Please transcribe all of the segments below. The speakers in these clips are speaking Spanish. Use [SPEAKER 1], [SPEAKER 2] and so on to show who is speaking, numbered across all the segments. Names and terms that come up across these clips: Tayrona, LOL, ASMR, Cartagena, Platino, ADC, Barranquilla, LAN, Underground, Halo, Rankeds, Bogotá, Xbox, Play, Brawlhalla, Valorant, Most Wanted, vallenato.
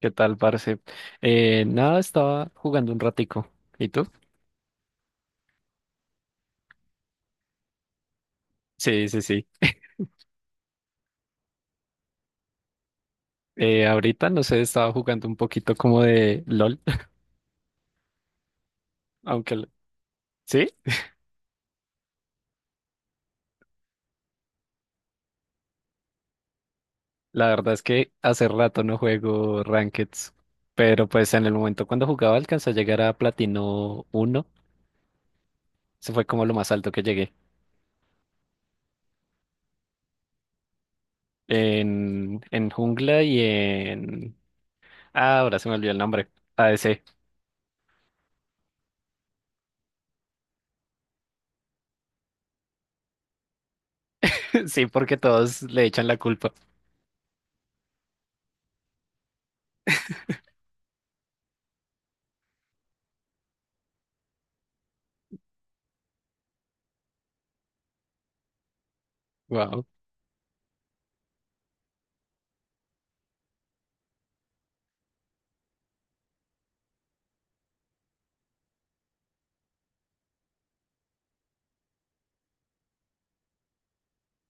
[SPEAKER 1] ¿Qué tal, parce? Nada, estaba jugando un ratico. ¿Y tú? Sí, sí, sí. Ahorita, no sé, estaba jugando un poquito como de LOL, aunque... l- Sí, la verdad es que hace rato no juego Rankeds, pero pues en el momento cuando jugaba alcancé a llegar a Platino uno. Se fue como lo más alto que llegué. En jungla y en... Ah, ahora se me olvidó el nombre. ADC. Sí, porque todos le echan la culpa. Wow.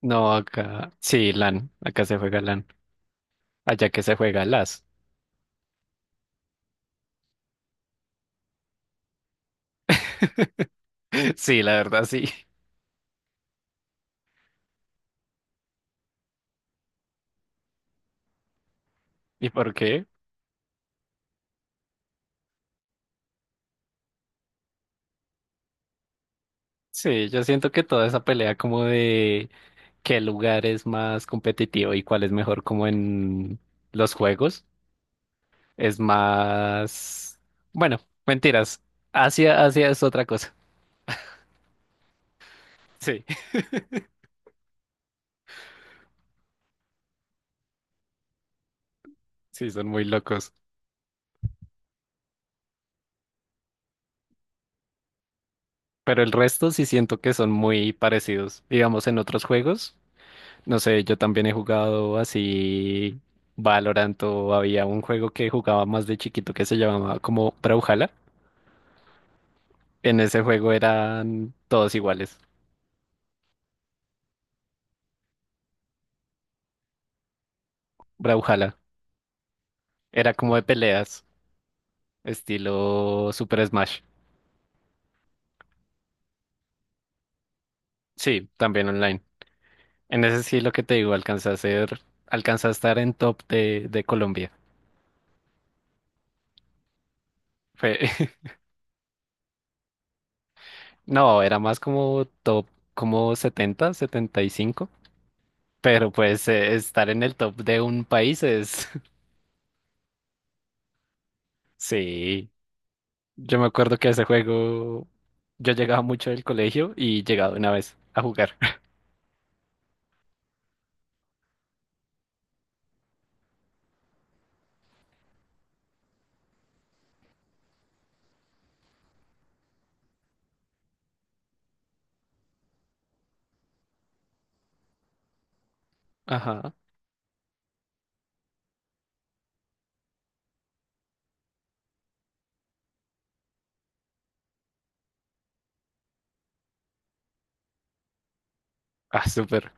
[SPEAKER 1] No, acá... Sí, LAN. Acá se juega LAN. Allá que se juega las. Sí, la verdad sí. ¿Y por qué? Sí, yo siento que toda esa pelea como de qué lugar es más competitivo y cuál es mejor como en los juegos es más... Bueno, mentiras. Asia, Asia es otra cosa. Sí, sí, son muy locos. Pero el resto sí siento que son muy parecidos. Digamos, en otros juegos. No sé, yo también he jugado así Valorant o había un juego que jugaba más de chiquito que se llamaba como Brawlhalla. En ese juego eran todos iguales. Brawlhalla. Era como de peleas, estilo Super Smash. Sí, también online. En ese sí lo que te digo, alcancé a ser, alcancé a estar en top de Colombia. Fue- no, era más como top, como 70 75. Pero pues estar en el top de un país es... Sí, yo me acuerdo que ese juego yo llegaba mucho del colegio y llegaba una vez a jugar. Ajá. Ah, súper.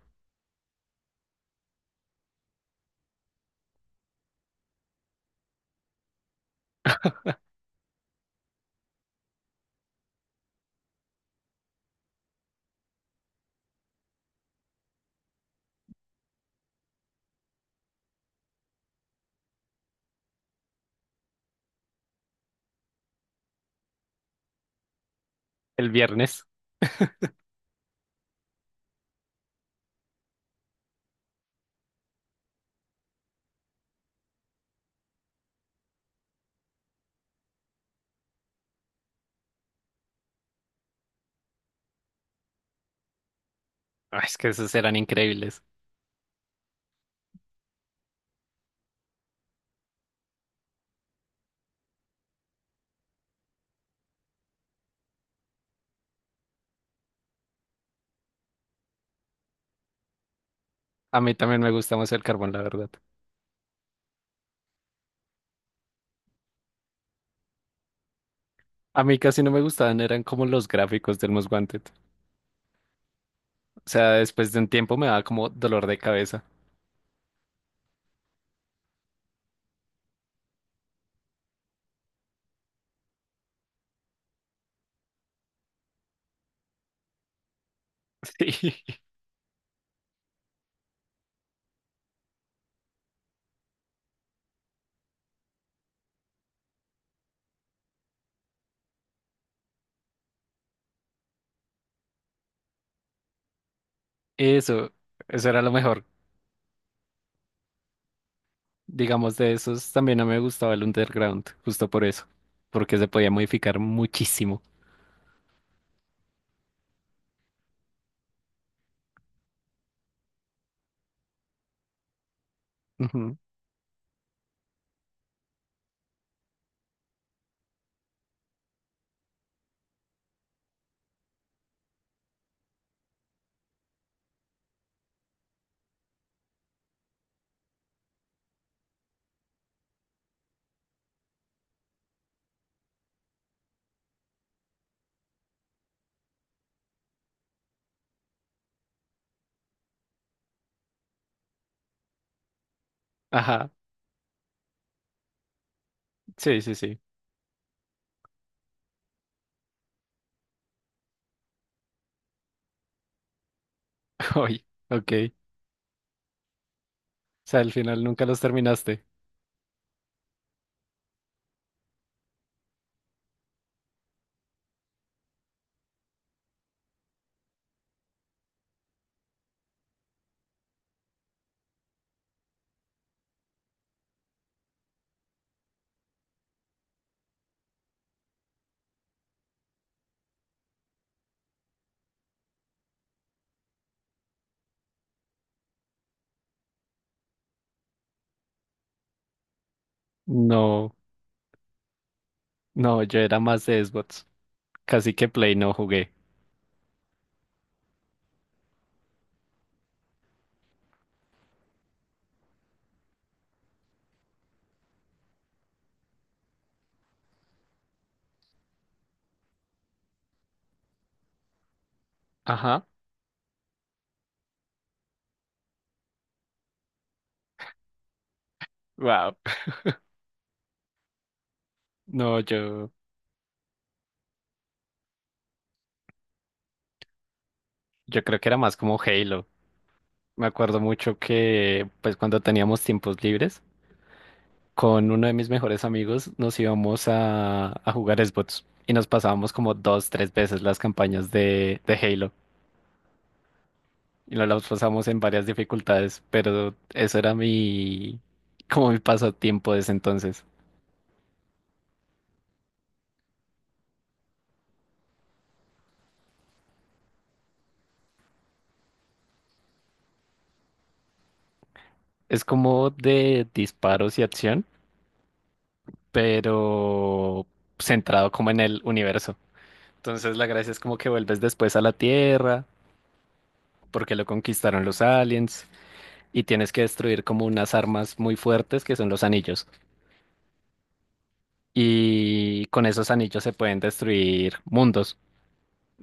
[SPEAKER 1] El viernes. Ah, es que esos eran increíbles. A mí también me gusta más el carbón, la verdad. A mí casi no me gustaban, eran como los gráficos del Most Wanted. O sea, después de un tiempo me daba como dolor de cabeza. Sí. Eso, eso era lo mejor. Digamos, de esos también no me gustaba el Underground, justo por eso. Porque se podía modificar muchísimo. Ujú. Ajá. Sí, sí, sí. Oye, ok. Sea, al final nunca los terminaste. No, no, yo era más de Xbox. Casi que Play no jugué. Ajá. Wow. No, yo creo que era más como Halo. Me acuerdo mucho que, pues, cuando teníamos tiempos libres, con uno de mis mejores amigos nos íbamos a jugar Xbox y nos pasábamos como dos, tres veces las campañas de Halo y nos las pasamos en varias dificultades, pero eso era mi, como mi pasatiempo desde entonces. Es como de disparos y acción, pero centrado como en el universo. Entonces la gracia es como que vuelves después a la Tierra, porque lo conquistaron los aliens, y tienes que destruir como unas armas muy fuertes que son los anillos. Y con esos anillos se pueden destruir mundos.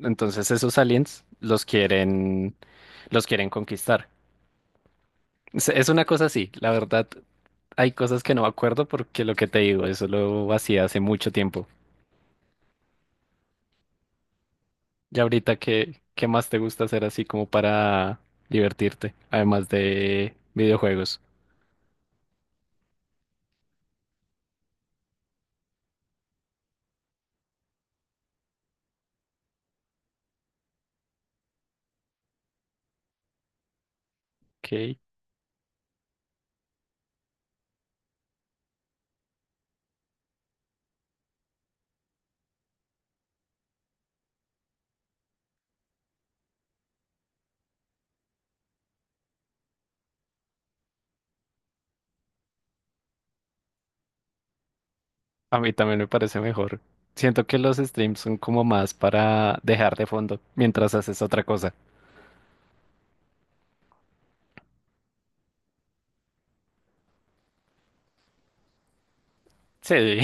[SPEAKER 1] Entonces esos aliens los quieren conquistar. Es una cosa así, la verdad, hay cosas que no me acuerdo porque lo que te digo, eso lo hacía hace mucho tiempo. Y ahorita, ¿qué más te gusta hacer así como para divertirte? Además de videojuegos. Ok. A mí también me parece mejor. Siento que los streams son como más para dejar de fondo mientras haces otra cosa. Sí.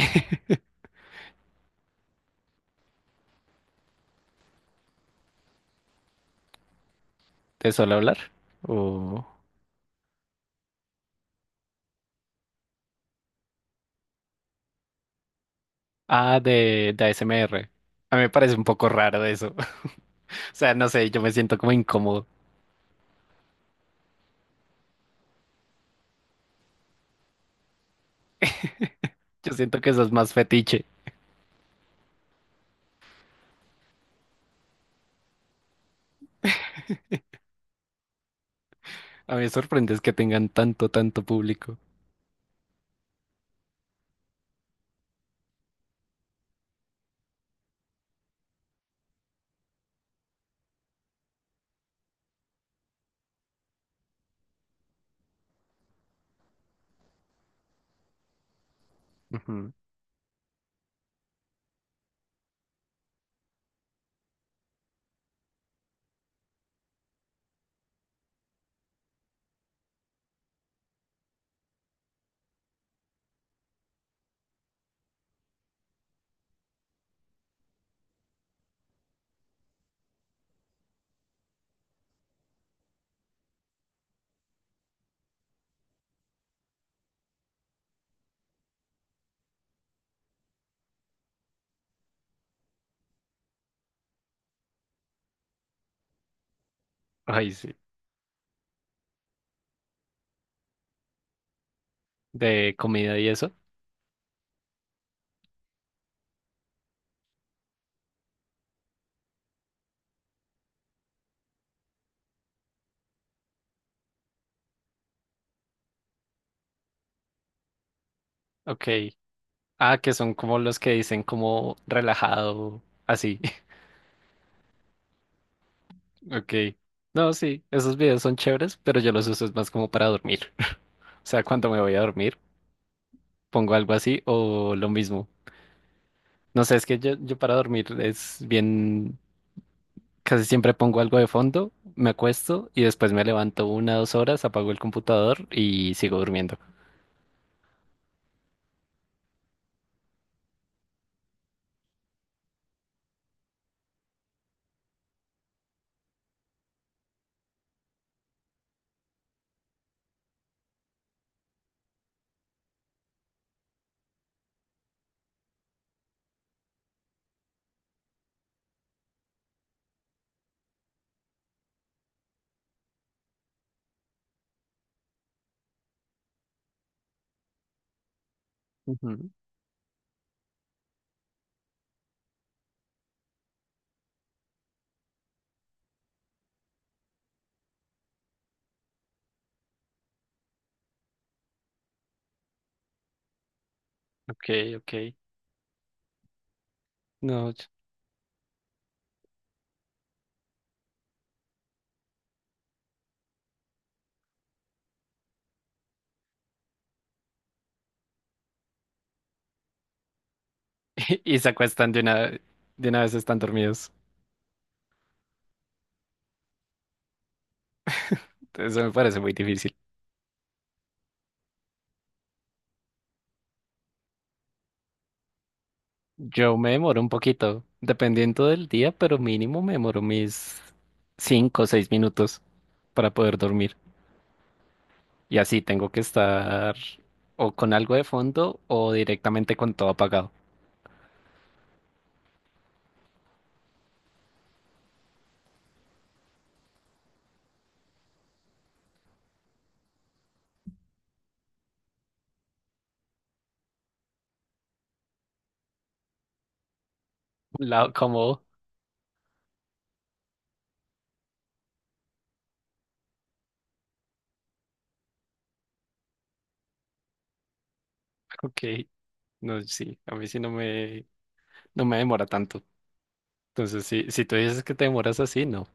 [SPEAKER 1] ¿Te suelo hablar? O... Ah, de A S M R. A mí me parece un poco raro eso. O sea, no sé, yo me siento como incómodo. Yo siento que eso es más fetiche. A mí me sorprende es que tengan tanto, tanto público. Ujú. Ay, sí. De comida y eso. Ok. Ah, que son como los que dicen como relajado, así. Ok. No, sí, esos videos son chéveres, pero yo los uso es más como para dormir. O sea, cuando me voy a dormir, pongo algo así o lo mismo. No sé, es que yo para dormir es bien, casi siempre pongo algo de fondo, me acuesto y después me levanto 1 2 horas, apago el computador y sigo durmiendo. Ujú. Ok, ok. No, yo- Y se acuestan de una vez están dormidos. Eso me parece muy difícil. Yo me demoro un poquito, dependiendo del día, pero mínimo me demoro mis 5 o 6 minutos para poder dormir. Y así tengo que estar o con algo de fondo o directamente con todo apagado. La, como, ok, no, sí, a mí sí no me demora tanto. Entonces, si tú dices que te demoras así, no.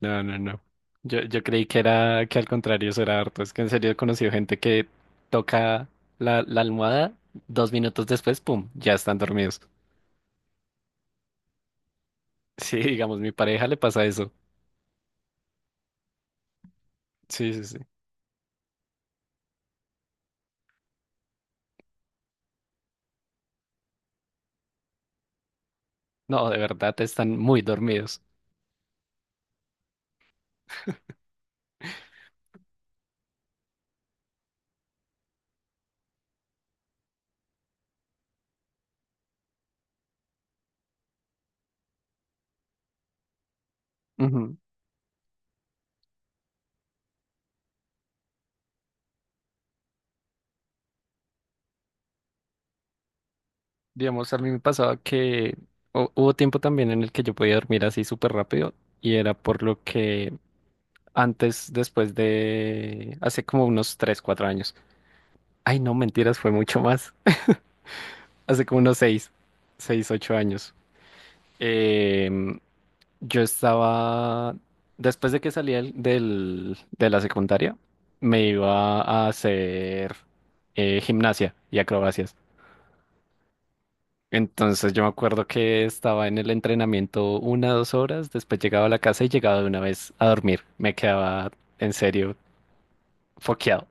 [SPEAKER 1] No, no, no. Yo creí que era que al contrario eso era harto. Es que en serio he conocido gente que toca la almohada, 2 minutos después, pum, ya están dormidos. Sí, digamos, mi pareja le pasa eso. Sí, sí, sí. No, de verdad están muy dormidos. Ujú. Digamos, a mí me pasaba que hubo tiempo también en el que yo podía dormir así súper rápido y era por lo que antes, después de hace como unos 3, 4 años. Ay, no, mentiras, fue mucho más. Hace como unos 6, 8 años. Em, yo estaba, después de que salí de la secundaria, me iba a hacer gimnasia y acrobacias. Entonces yo me acuerdo que estaba en el entrenamiento 1, 2 horas, después llegaba a la casa y llegaba de una vez a dormir. Me quedaba en serio foqueado.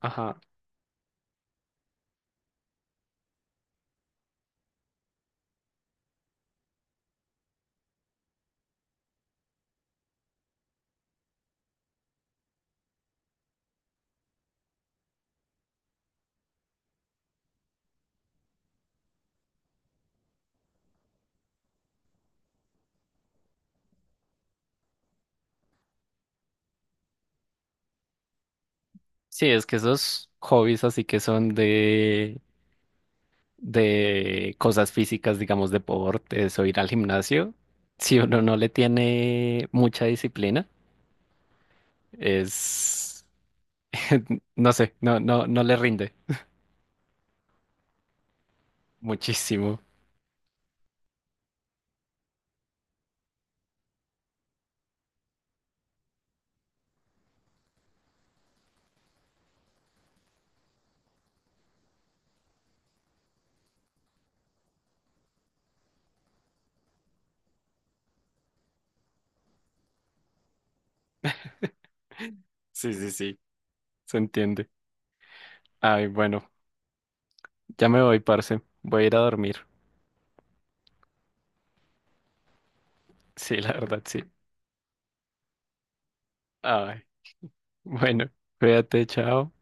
[SPEAKER 1] Ajá. Sí, es que esos hobbies así que son de cosas físicas, digamos, deportes o ir al gimnasio, si uno no le tiene mucha disciplina, es, no sé, no, no, no le rinde muchísimo. Sí, sí, sí, se entiende. Ay, bueno, ya me voy, parce. Voy a ir a dormir. Sí, la verdad, sí. Ay, bueno, cuídate, chao.